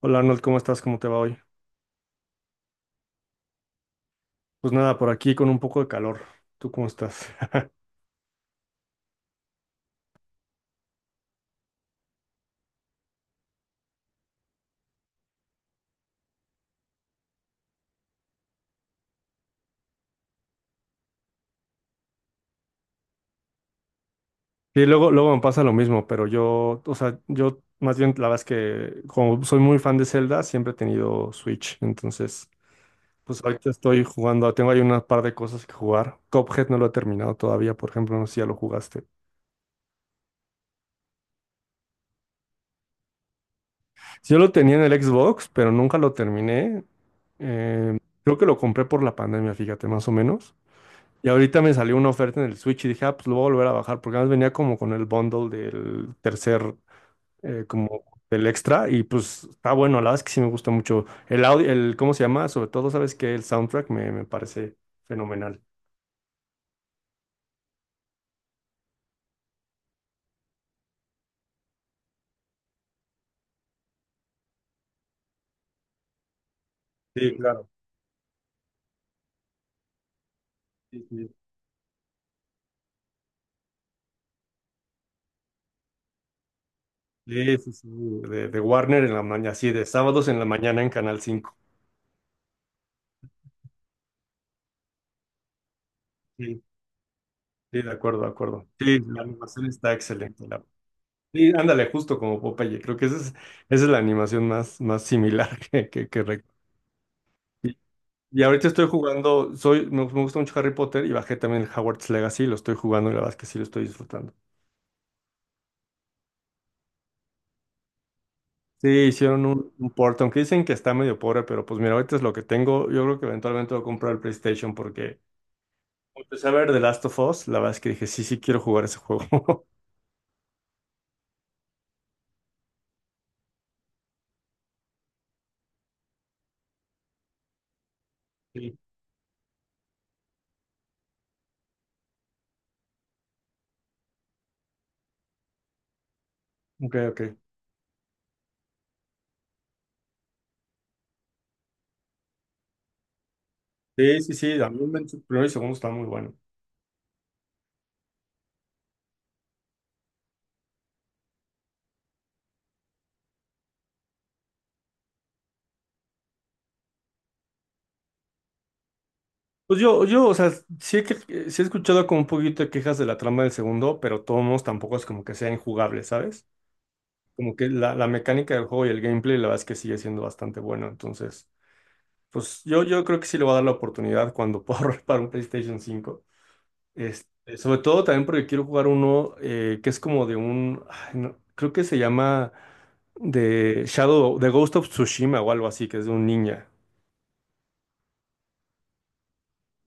Hola Arnold, ¿cómo estás? ¿Cómo te va hoy? Pues nada, por aquí con un poco de calor. ¿Tú cómo estás? Sí, luego, luego me pasa lo mismo, pero yo, o sea, yo más bien la verdad es que como soy muy fan de Zelda, siempre he tenido Switch, entonces pues ahorita estoy jugando, tengo ahí un par de cosas que jugar. Cuphead no lo he terminado todavía, por ejemplo, no sé si ya lo jugaste. Yo lo tenía en el Xbox, pero nunca lo terminé. Eh, creo que lo compré por la pandemia, fíjate, más o menos. Y ahorita me salió una oferta en el Switch y dije, ah, pues lo voy a volver a bajar, porque además venía como con el bundle del tercer, como del extra, y pues está bueno, la verdad es que sí me gusta mucho. El audio, ¿cómo se llama? Sobre todo, ¿sabes que el soundtrack me parece fenomenal. Sí, claro. Sí, sí. Sí, sí, sí. De Warner en la mañana, sí, de sábados en la mañana en Canal 5. Sí, sí, de acuerdo, de acuerdo. Sí, la animación está excelente. Sí, ándale, justo como Popeye, creo que esa es, la animación más, más similar que recuerdo. Y ahorita estoy jugando, me gusta mucho Harry Potter y bajé también el Hogwarts Legacy, lo estoy jugando y la verdad es que sí lo estoy disfrutando. Sí, hicieron un port, aunque dicen que está medio pobre, pero pues mira, ahorita es lo que tengo. Yo creo que eventualmente voy a comprar el PlayStation porque empecé a ver The Last of Us, la verdad es que dije, sí, sí quiero jugar ese juego. Sí. Ok, ok. Sí, sí, sí, el primero y segundo está muy bueno. Pues yo, o sea, sí he escuchado como un poquito de quejas de la trama del segundo, pero todos tampoco es como que sea injugable, ¿sabes? Como que la mecánica del juego y el gameplay, la verdad es que sigue siendo bastante bueno. Entonces, pues yo creo que sí le voy a dar la oportunidad cuando pueda ahorrar para un PlayStation 5. Este, sobre todo también porque quiero jugar uno que es como de un, ay, no, creo que se llama de Shadow, de Ghost of Tsushima o algo así, que es de un ninja.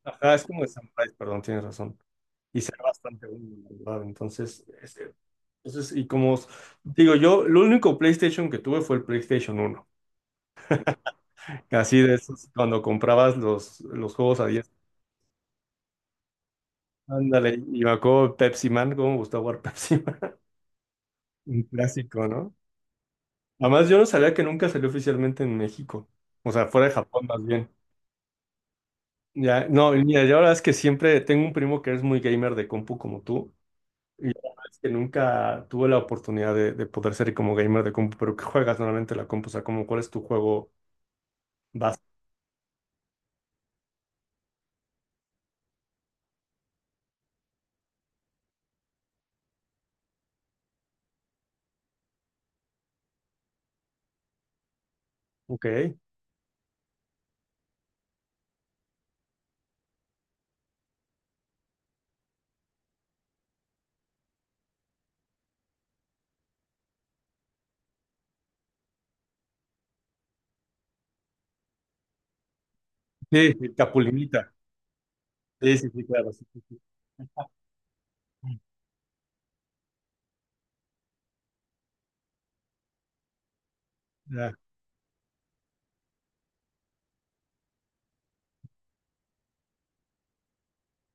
Ajá, es como de Samurai, perdón, tienes razón. Y se ve bastante bueno, la verdad. Entonces, este, entonces, y digo yo, el único PlayStation que tuve fue el PlayStation 1. Así de esos, cuando comprabas los juegos a diez. Ándale, y me acuerdo Pepsi Man, cómo me gustaba jugar Pepsi Man. Un clásico, ¿no? Además, yo no sabía que nunca salió oficialmente en México. O sea, fuera de Japón más bien. Ya, no, y mira, yo la verdad es que siempre tengo un primo que es muy gamer de compu como tú. Y la verdad es que nunca tuve la oportunidad de poder ser como gamer de compu. Pero ¿qué juegas normalmente en la compu? O sea, como, ¿cuál es tu juego base? Ok. Sí, el Capulinita. Sí, sí, sí, claro. Sí, sí, sí. Ya,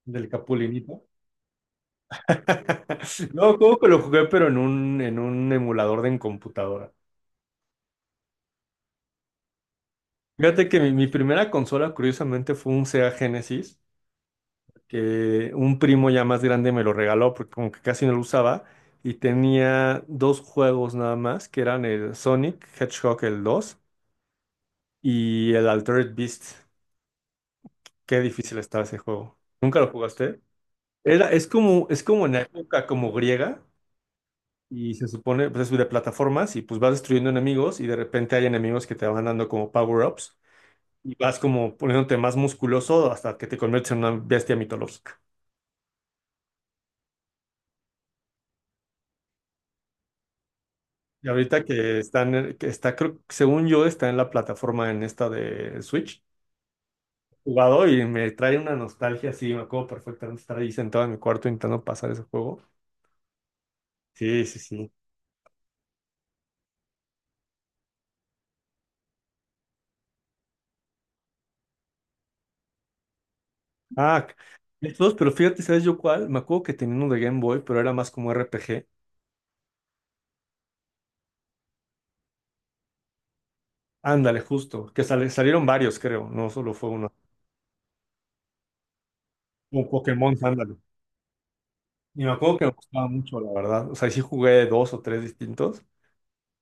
del Capulinita. No, juego que lo jugué, pero en en un emulador de en computadora. Fíjate que mi primera consola, curiosamente, fue un Sega Genesis, que un primo ya más grande me lo regaló, porque como que casi no lo usaba, y tenía dos juegos nada más, que eran el Sonic Hedgehog el 2 y el Altered Beast. Qué difícil estaba ese juego. ¿Nunca lo jugaste? Era, es como en la época como griega. Y se supone, pues es de plataformas y pues vas destruyendo enemigos y de repente hay enemigos que te van dando como power-ups y vas como poniéndote más musculoso hasta que te conviertes en una bestia mitológica. Y ahorita que están, que está, creo, según yo, está en la plataforma en esta de Switch, jugado y me trae una nostalgia así, me acuerdo perfectamente estar ahí sentado en mi cuarto intentando pasar ese juego. Sí, sí, sí. Ah, estos, pero fíjate, ¿sabes yo cuál? Me acuerdo que tenía uno de Game Boy, pero era más como RPG. Ándale, justo, que salieron varios, creo, no solo fue uno. Un Pokémon, ándale. Y me acuerdo que me gustaba mucho, la verdad. O sea, sí jugué dos o tres distintos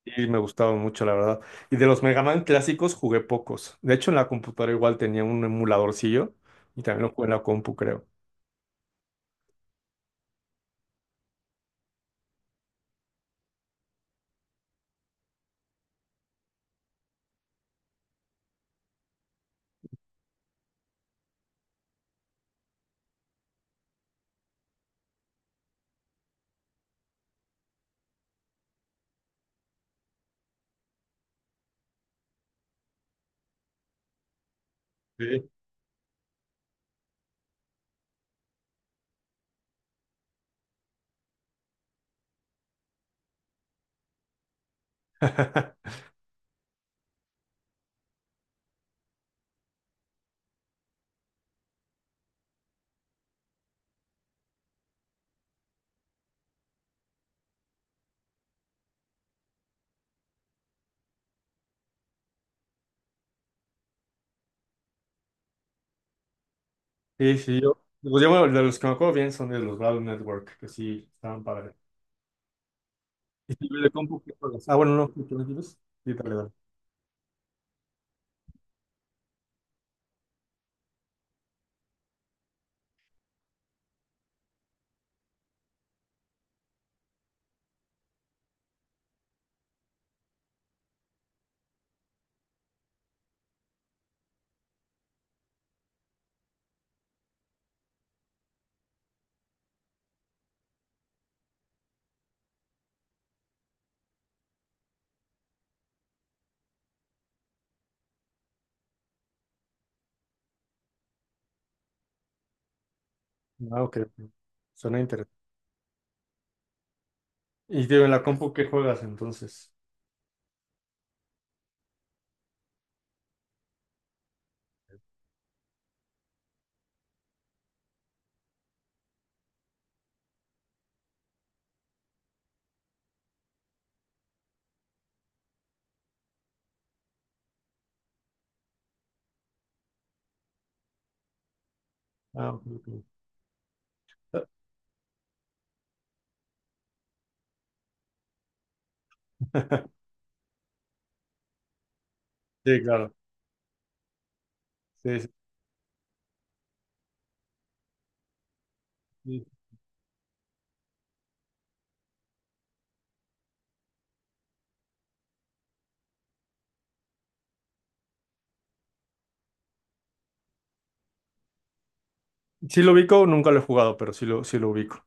y me gustaban mucho, la verdad. Y de los Mega Man clásicos jugué pocos. De hecho, en la computadora igual tenía un emuladorcillo y también lo jugué en la compu, creo. Sí. Sí, sí, yo. Pues yo, bueno, de los que me acuerdo bien son de los Battle Network, que sí, estaban padres. ¿Y tú de compu qué juegas? Ah, bueno, no, ¿qué me dices? Sí, dale, dale. Ah, ok. Ok. Suena interesante. Y digo, en la compu qué juegas entonces. Ah, ok, ok. Sí, claro. Sí, sí, sí. Sí lo ubico, nunca lo he jugado, pero sí lo ubico.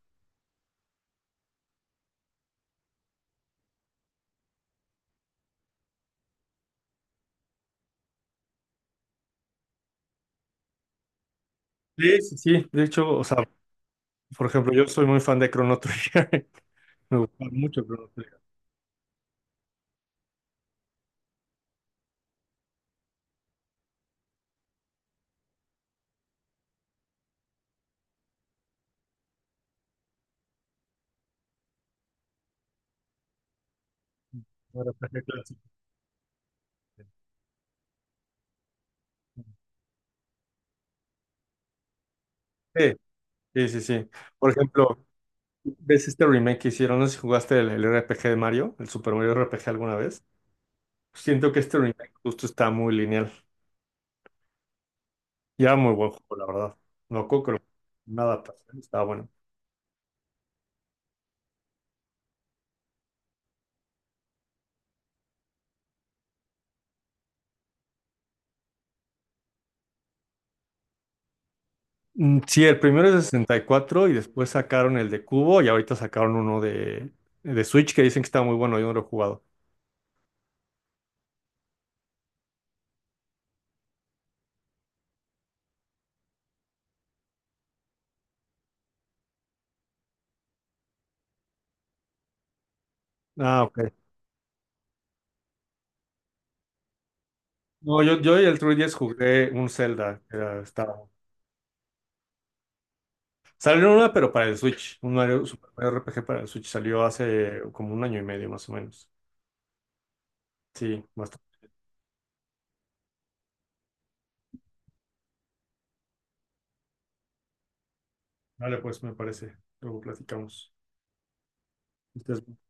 Sí, sí, sí. De hecho, o sea, por ejemplo, yo soy muy fan de Chrono Trigger. Me gusta mucho Chrono Trigger. Un RPG clásico. Sí, sí, sí, sí. Por ejemplo, ¿ves este remake que hicieron? No sé si jugaste el RPG de Mario, el Super Mario RPG alguna vez. Siento que este remake justo está muy lineal. Ya muy buen juego, la verdad. No creo que nada, pero estaba bueno. Sí, el primero es de 64 y cuatro y después sacaron el de Cubo y ahorita sacaron uno de Switch que dicen que está muy bueno, yo no lo he jugado. Ah, ok. No, yo, y el 3DS jugué un Zelda, que estaba. Salió una, pero para el Switch, un Mario, Super Mario RPG para el Switch, salió hace como un año y medio más o menos. Sí, bastante. Vale, pues me parece. Luego platicamos. Ustedes-